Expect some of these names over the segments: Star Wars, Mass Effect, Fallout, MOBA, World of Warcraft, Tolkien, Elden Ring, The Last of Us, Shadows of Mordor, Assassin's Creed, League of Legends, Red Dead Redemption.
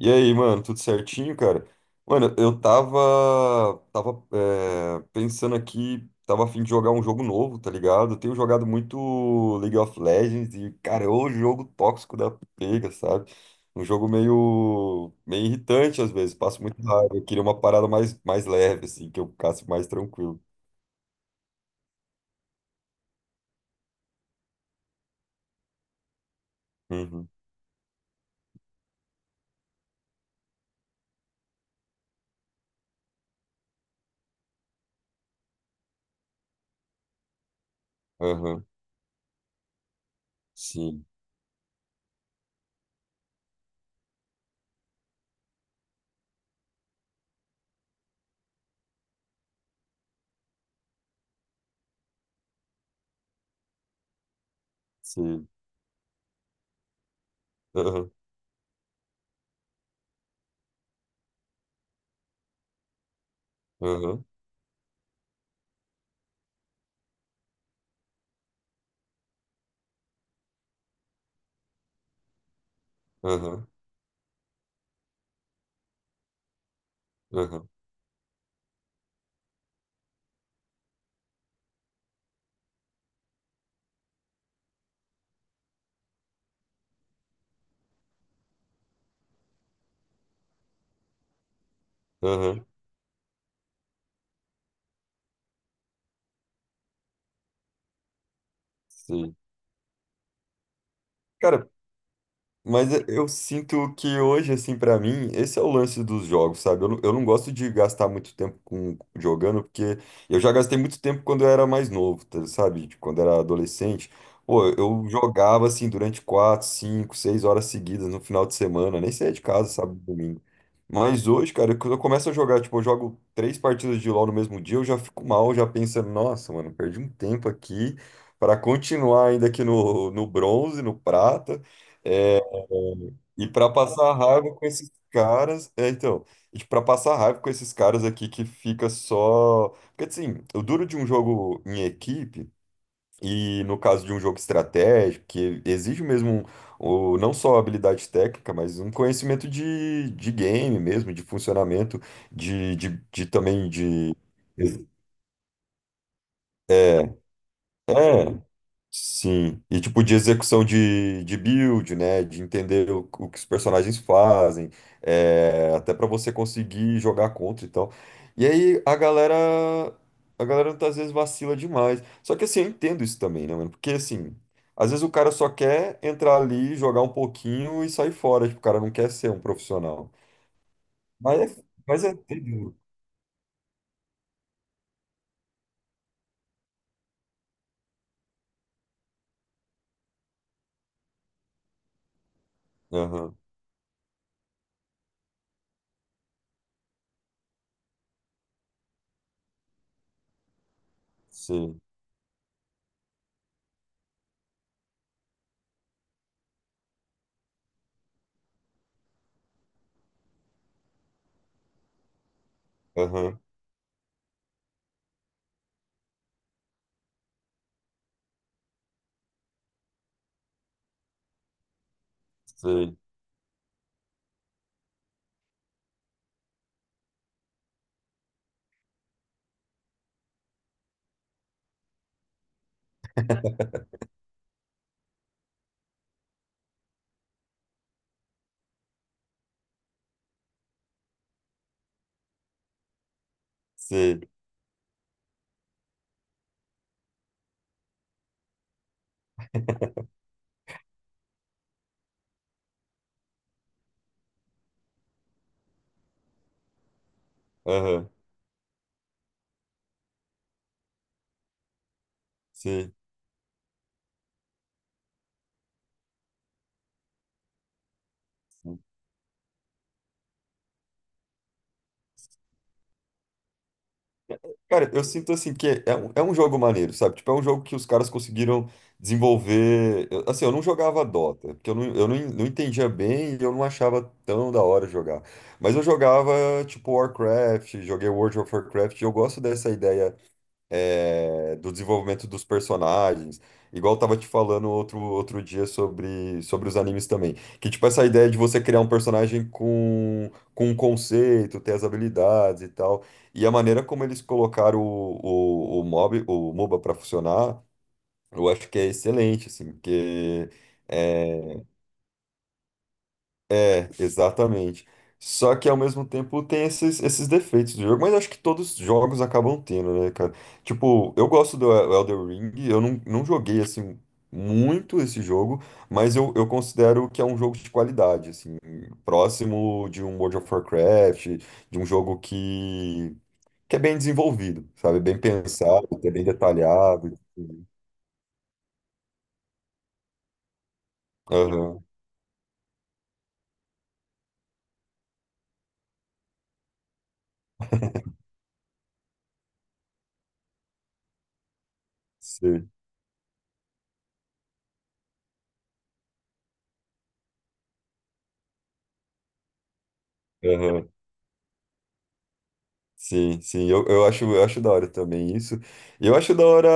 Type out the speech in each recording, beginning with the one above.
E aí, mano, tudo certinho, cara? Mano, eu pensando aqui, tava a fim de jogar um jogo novo, tá ligado? Eu tenho jogado muito League of Legends e, cara, é o jogo tóxico da pega, sabe? Um jogo meio irritante às vezes, passo muito raiva. Eu queria uma parada mais leve, assim, que eu ficasse mais tranquilo. Uhum, aham, sim, sim, aham, aham, aham, aham, aham, sim. Cara. Mas eu sinto que hoje, assim, pra mim, esse é o lance dos jogos, sabe? Eu não gosto de gastar muito tempo com, jogando, porque eu já gastei muito tempo quando eu era mais novo, sabe? Tipo, quando era adolescente. Pô, eu jogava, assim, durante quatro, cinco, seis horas seguidas no final de semana, nem saía de casa, sabe? No domingo. Mas hoje, cara, quando eu começo a jogar, tipo, eu jogo três partidas de LoL no mesmo dia, eu já fico mal, já pensando, nossa, mano, perdi um tempo aqui pra continuar ainda aqui no bronze, no prata. E para passar raiva com esses caras, é, então, e para passar raiva com esses caras aqui que fica só, porque assim, o duro de um jogo em equipe e no caso de um jogo estratégico que exige mesmo o, não só habilidade técnica, mas um conhecimento de game mesmo, de funcionamento, de também de é, é. Sim, e tipo de execução de build, né? De entender o que os personagens fazem, é, até pra você conseguir jogar contra e tal. E aí a galera, a galera às vezes vacila demais. Só que assim, eu entendo isso também, né, mano? Porque assim, às vezes o cara só quer entrar ali, jogar um pouquinho e sair fora. Tipo, o cara não quer ser um profissional. Mas é, mas é terrível. Aham, sim, aham, sei, sei, aham, sei. Cara, eu sinto assim que é é um jogo maneiro, sabe? Tipo, é um jogo que os caras conseguiram desenvolver. Eu não jogava Dota, porque eu não, en- não entendia bem e eu não achava tão da hora jogar. Mas eu jogava, tipo, Warcraft, joguei World of Warcraft, e eu gosto dessa ideia é, do desenvolvimento dos personagens. Igual eu tava te falando outro dia sobre os animes também. Que, tipo, essa ideia de você criar um personagem com um conceito, ter as habilidades e tal. E a maneira como eles colocaram o MOBA pra funcionar, eu acho que é excelente, assim, porque. Eh, é, exatamente. Só que ao mesmo tempo tem esses defeitos do jogo, mas acho que todos os jogos acabam tendo, né, cara? Tipo, eu gosto do Elden Ring, eu não, não joguei assim muito esse jogo, mas eu considero que é um jogo de qualidade, assim, próximo de um World of Warcraft, de um jogo que é bem desenvolvido, sabe? Bem pensado, que é bem detalhado. Aham, sim. Aham. Sim, sim, eu acho da hora também isso. E eu acho da hora.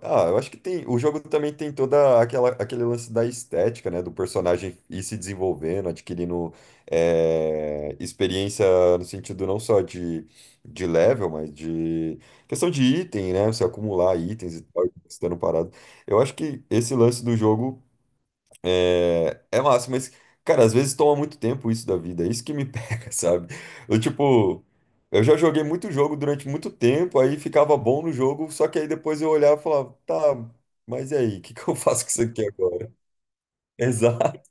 Ah, eu acho que tem. O jogo também tem toda aquele lance da estética, né? Do personagem ir se desenvolvendo, adquirindo eh, experiência no sentido não só de level, mas de questão de item, né? Você acumular itens e tal, estando parado. Eu acho que esse lance do jogo. É, é massa, mas, cara, às vezes toma muito tempo isso da vida, é isso que me pega, sabe? Eu, tipo, eu já joguei muito jogo durante muito tempo, aí ficava bom no jogo, só que aí depois eu olhava e falava, tá, mas e aí, o que que eu faço com isso aqui agora? Exato,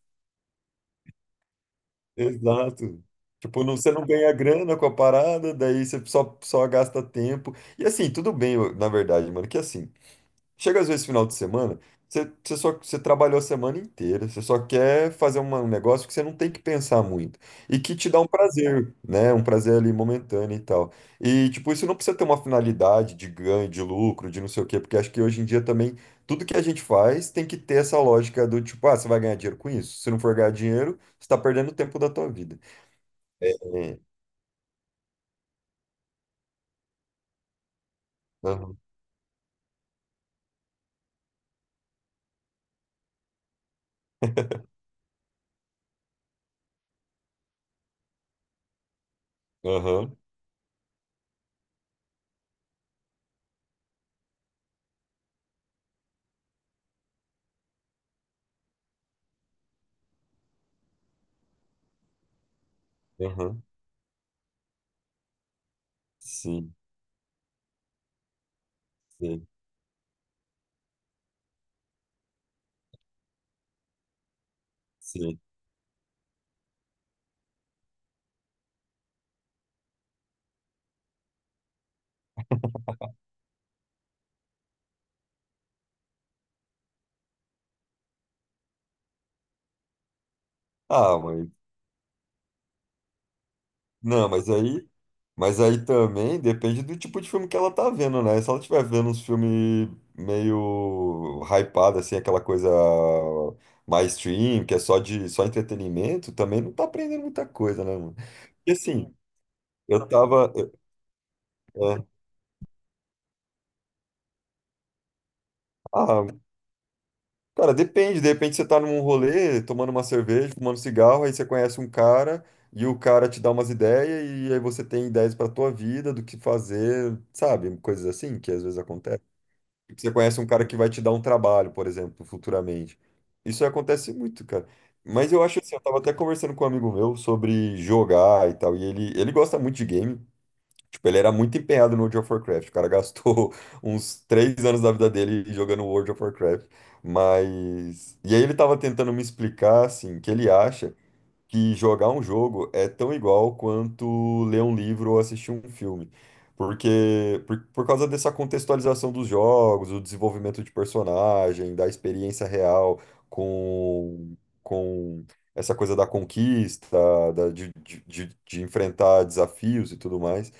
exato. Tipo, não, você não ganha grana com a parada, daí você só gasta tempo. E assim, tudo bem, na verdade, mano, que assim. Chega às vezes final de semana, você trabalhou a semana inteira, você só quer fazer um negócio que você não tem que pensar muito e que te dá um prazer, né? Um prazer ali momentâneo e tal. E tipo, isso não precisa ter uma finalidade de ganho, de lucro, de não sei o quê, porque acho que hoje em dia também tudo que a gente faz tem que ter essa lógica do tipo, ah, você vai ganhar dinheiro com isso? Se não for ganhar dinheiro, você tá perdendo o tempo da tua vida. É, é, aham, aham, aham, sim, sim, sim. Ah, mas não, mas aí também depende do tipo de filme que ela tá vendo, né? Se ela estiver vendo uns filmes meio hypado, assim, aquela coisa mais stream, que é só de só entretenimento, também não tá aprendendo muita coisa, né, mano? E assim, eu tava. eu- é, ah, cara, depende, de repente você tá num rolê, tomando uma cerveja, fumando cigarro, aí você conhece um cara e o cara te dá umas ideias, e aí você tem ideias pra tua vida, do que fazer, sabe? Coisas assim que às vezes acontecem. Que Você conhece um cara que vai te dar um trabalho, por exemplo, futuramente. Isso acontece muito, cara. Mas eu acho assim, eu tava até conversando com um amigo meu sobre jogar e tal, e ele gosta muito de game. Tipo, ele era muito empenhado no World of Warcraft. O cara gastou uns três anos da vida dele jogando World of Warcraft. Mas. E aí ele tava tentando me explicar, assim, que ele acha que jogar um jogo é tão igual quanto ler um livro ou assistir um filme. Porque, por causa dessa contextualização dos jogos, o desenvolvimento de personagem, da experiência real com, com essa coisa da conquista, da, de enfrentar desafios e tudo mais.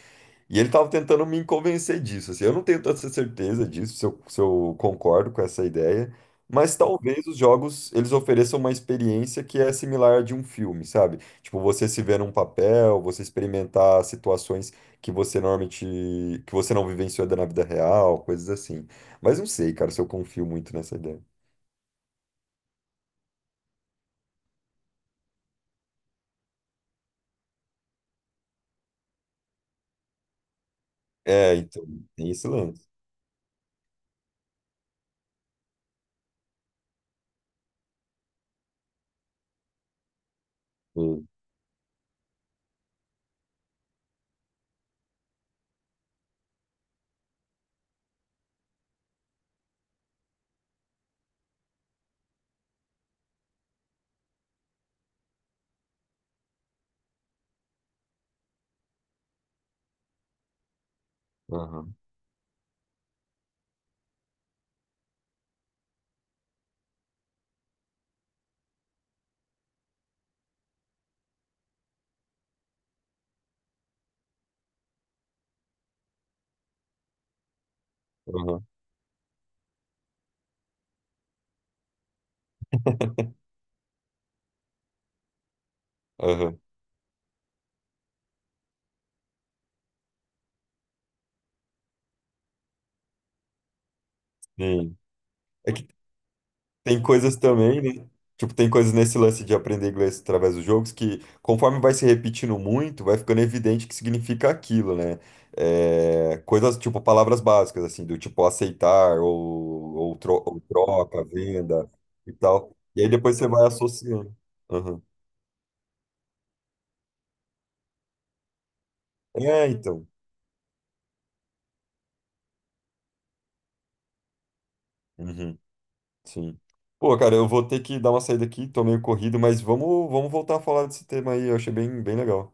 E ele estava tentando me convencer disso, assim, eu não tenho tanta certeza disso, se eu concordo com essa ideia, mas talvez os jogos, eles ofereçam uma experiência que é similar à de um filme, sabe? Tipo, você se ver num papel, você experimentar situações que você normalmente, que você não vivenciou na vida real, coisas assim. Mas não sei, cara, se eu confio muito nessa ideia. É, então, tem esse lance. Sim, aham, aham, aham, sim. É, tem coisas também, né? Tipo, tem coisas nesse lance de aprender inglês através dos jogos que, conforme vai se repetindo muito, vai ficando evidente que significa aquilo, né? É, coisas tipo palavras básicas, assim, do tipo aceitar ou troca, venda e tal. E aí depois você vai associando. Aham. É, então. Uhum, sim. Pô, cara, eu vou ter que dar uma saída aqui, tô meio corrido, mas vamos voltar a falar desse tema aí. Eu achei bem legal.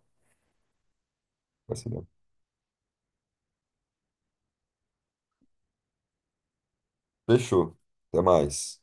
Vai ser bom. Fechou. Até mais.